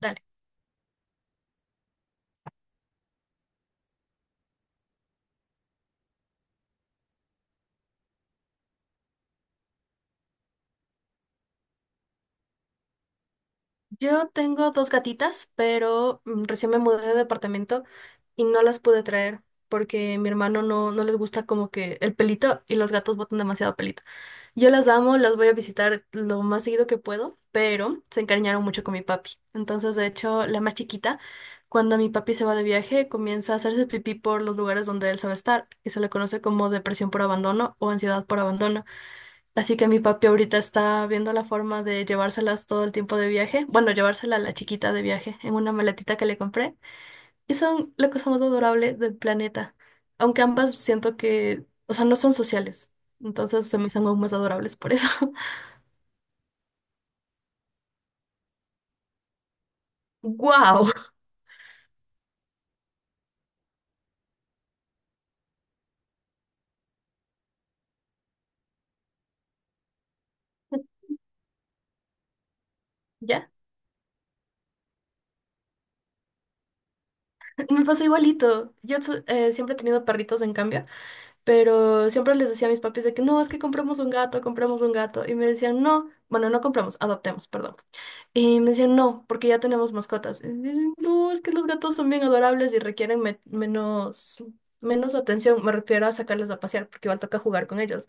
Dale. Yo tengo dos gatitas, pero recién me mudé de departamento y no las pude traer porque mi hermano no, no les gusta como que el pelito y los gatos botan demasiado pelito. Yo las amo, las voy a visitar lo más seguido que puedo, pero se encariñaron mucho con mi papi. Entonces, de hecho, la más chiquita, cuando mi papi se va de viaje, comienza a hacerse pipí por los lugares donde él sabe estar y se le conoce como depresión por abandono o ansiedad por abandono. Así que mi papi ahorita está viendo la forma de llevárselas todo el tiempo de viaje. Bueno, llevársela a la chiquita de viaje en una maletita que le compré. Y son la cosa más adorable del planeta. Aunque ambas siento que, o sea, no son sociales. Entonces se me hacen aún más adorables por eso. ¡Wow! Ya, me pasó igualito. Yo siempre he tenido perritos en cambio, pero siempre les decía a mis papis de que no, es que compramos un gato, compramos un gato. Y me decían, no, bueno, no compramos, adoptemos, perdón. Y me decían, no, porque ya tenemos mascotas. Y dicen, no, es que los gatos son bien adorables y requieren menos atención. Me refiero a sacarles a pasear, porque igual toca jugar con ellos.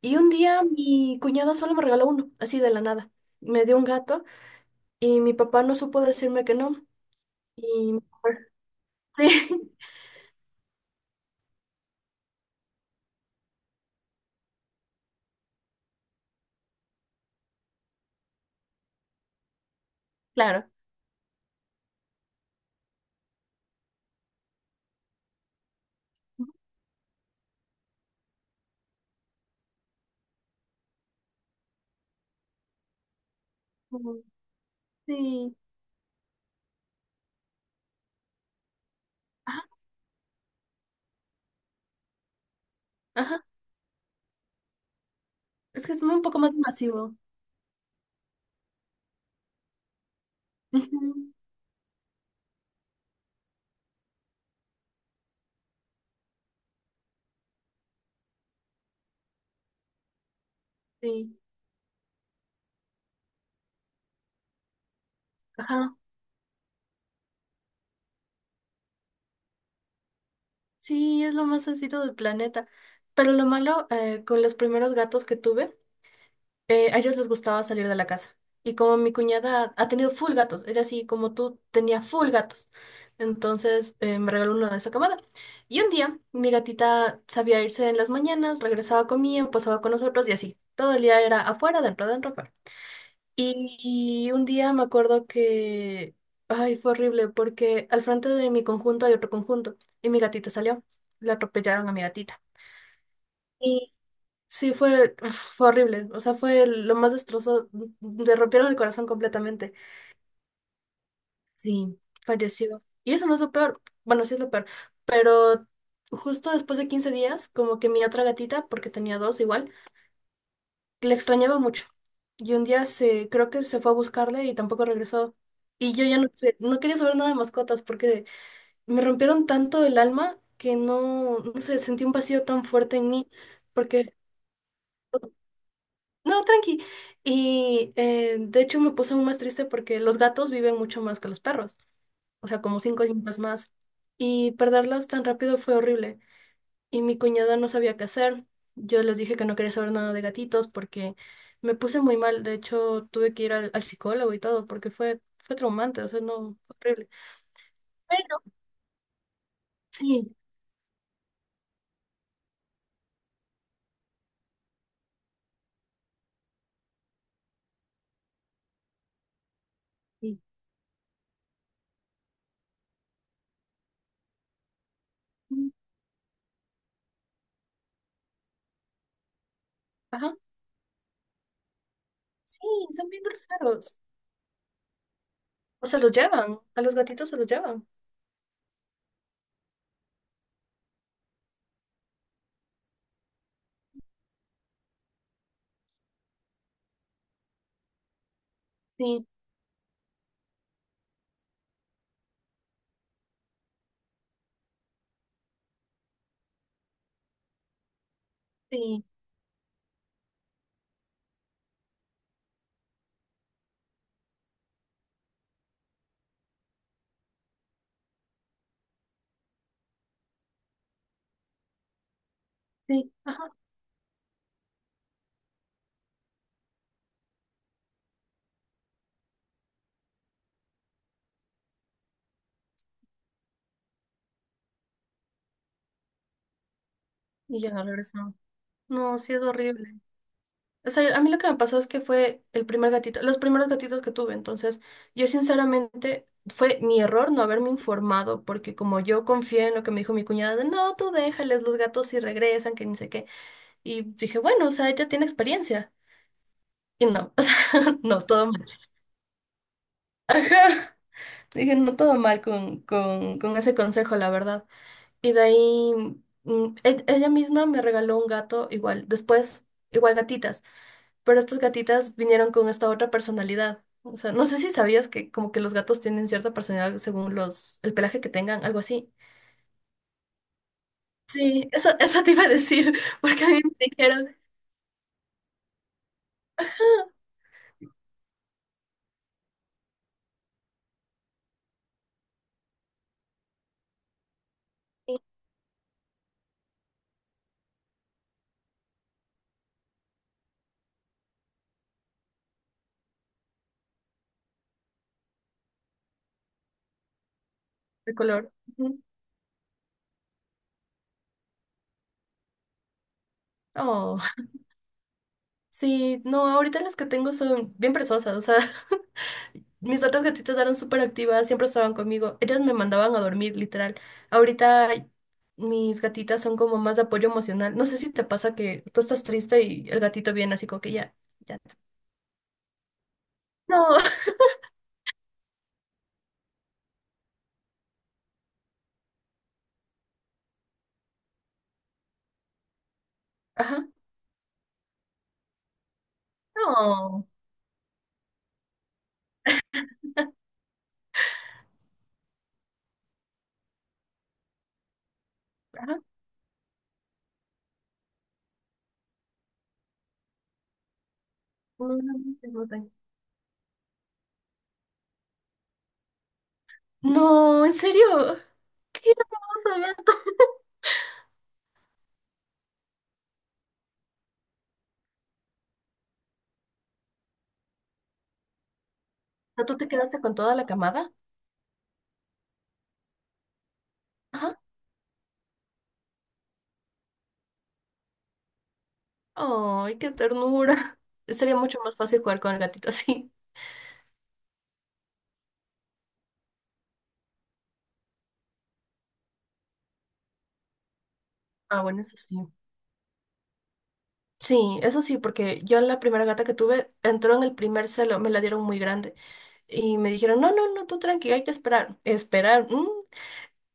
Y un día mi cuñada solo me regaló uno, así de la nada. Me dio un gato y mi papá no supo decirme que no. Y sí, claro. Ujú, sí. Ajá, ajá. Es que es un poco más masivo. Ujú, sí. Ajá. Sí, es lo más sencillo del planeta. Pero lo malo, con los primeros gatos que tuve, a ellos les gustaba salir de la casa. Y como mi cuñada ha tenido full gatos, ella así como tú tenía full gatos. Entonces me regaló uno de esa camada. Y un día mi gatita sabía irse en las mañanas, regresaba, comía, pasaba con nosotros y así. Todo el día era afuera, dentro, dentro, afuera. Y un día me acuerdo que, ay, fue horrible porque al frente de mi conjunto hay otro conjunto y mi gatita salió, le atropellaron a mi gatita. Y sí, fue, uf, fue horrible, o sea, fue lo más destrozo, le rompieron el corazón completamente. Sí, falleció. Y eso no es lo peor, bueno, sí es lo peor, pero justo después de 15 días, como que mi otra gatita, porque tenía dos igual, le extrañaba mucho. Y un día se, creo que se fue a buscarle y tampoco regresó. Y yo ya no sé, no quería saber nada de mascotas porque me rompieron tanto el alma que no, no sé, sentí un vacío tan fuerte en mí. Porque, no, tranqui. Y de hecho me puse aún más triste porque los gatos viven mucho más que los perros. O sea, como 5 años más. Y perderlas tan rápido fue horrible. Y mi cuñada no sabía qué hacer. Yo les dije que no quería saber nada de gatitos porque me puse muy mal. De hecho, tuve que ir al, al psicólogo y todo porque fue, fue traumante, o sea, no, fue horrible. Pero sí, sí, mm, ajá, sí, son bien groseros. O sea, los llevan, a los gatitos se los llevan. Sí, sí, sí, ajá, y ya no regresaron. No, sí es horrible. O sea, a mí lo que me pasó es que fue el primer gatito, los primeros gatitos que tuve. Entonces, yo sinceramente fue mi error no haberme informado, porque como yo confié en lo que me dijo mi cuñada de no, tú déjales los gatos si regresan, que ni sé qué. Y dije, bueno, o sea, ella tiene experiencia. Y no, o sea, no, todo mal. Ajá. Dije, no, todo mal con ese consejo, la verdad. Y de ahí, ella misma me regaló un gato igual, después, igual gatitas. Pero estas gatitas vinieron con esta otra personalidad. O sea, no sé si sabías que como que los gatos tienen cierta personalidad según los, el pelaje que tengan, algo así. Sí, eso, eso te iba a decir, porque a mí me dijeron: "Ah, sí, de color". Ujú. Oh, sí, no, ahorita las que tengo son bien presosas, o sea, mis otras gatitas eran súper activas, siempre estaban conmigo, ellas me mandaban a dormir, literal. Ahorita mis gatitas son como más de apoyo emocional. No sé si te pasa que tú estás triste y el gatito viene así como que ya, ya. No. Ajá. No. Ajá. No, no, no se botan. No, ¿en serio? ¡Qué hermoso gato! O sea, ¿tú te quedaste con toda la camada? Ajá. ¡Ay, qué ternura! Sería mucho más fácil jugar con el gatito así. Ah, bueno, eso sí. Sí, eso sí, porque yo la primera gata que tuve entró en el primer celo, me la dieron muy grande. Y me dijeron, no, no, no, tú tranqui, hay que esperar. Esperar.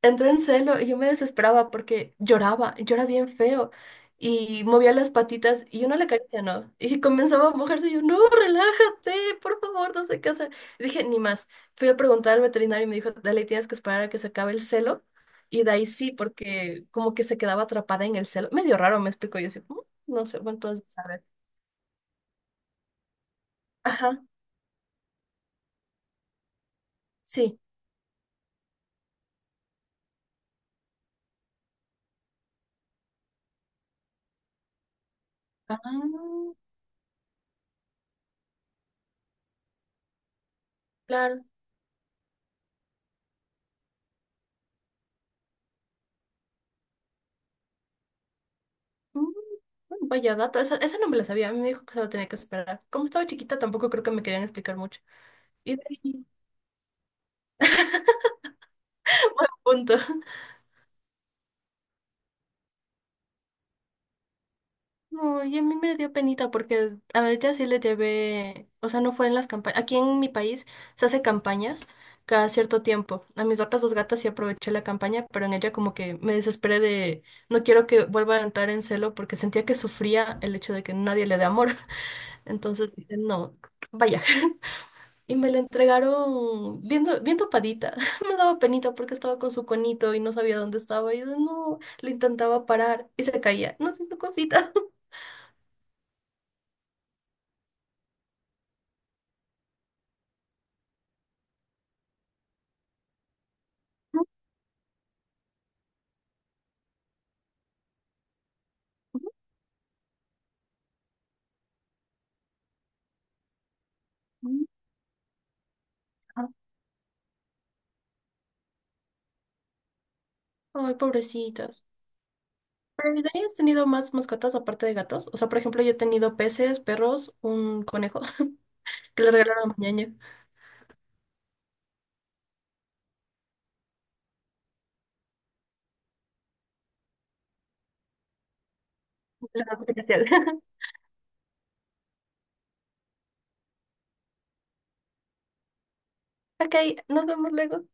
Entró en celo y yo me desesperaba porque lloraba, llora bien feo y movía las patitas y yo no la caricia no. Y comenzaba a mojarse y yo, no, relájate, por favor, no sé qué hacer. Y dije, ni más. Fui a preguntar al veterinario y me dijo, dale, tienes que esperar a que se acabe el celo. Y de ahí sí, porque como que se quedaba atrapada en el celo. Medio raro, me explicó. Yo así: "Mm, no sé, bueno, entonces, a ver". Ajá, sí. Ah, claro. Mm, vaya dato, esa no me la sabía, a mí me dijo que solo tenía que esperar. Como estaba chiquita, tampoco creo que me querían explicar mucho. Y de ahí, punto. No, y a mí me dio penita porque a ella sí le llevé, o sea, no fue en las campañas. Aquí en mi país se hace campañas cada cierto tiempo. A mis otras dos gatas sí aproveché la campaña, pero en ella como que me desesperé de, no quiero que vuelva a entrar en celo porque sentía que sufría el hecho de que nadie le dé amor. Entonces, dije, no, vaya. Y me la entregaron bien, bien tapadita. Me daba penita porque estaba con su conito y no sabía dónde estaba. Y yo no, le intentaba parar y se caía. No siento cosita. Ay, pobrecitas. Pero ¿y de ahí has tenido más mascotas aparte de gatos? O sea, por ejemplo, yo he tenido peces, perros, un conejo que le regalaron a mi ñaña. Es algo especial. Ok, nos vemos luego.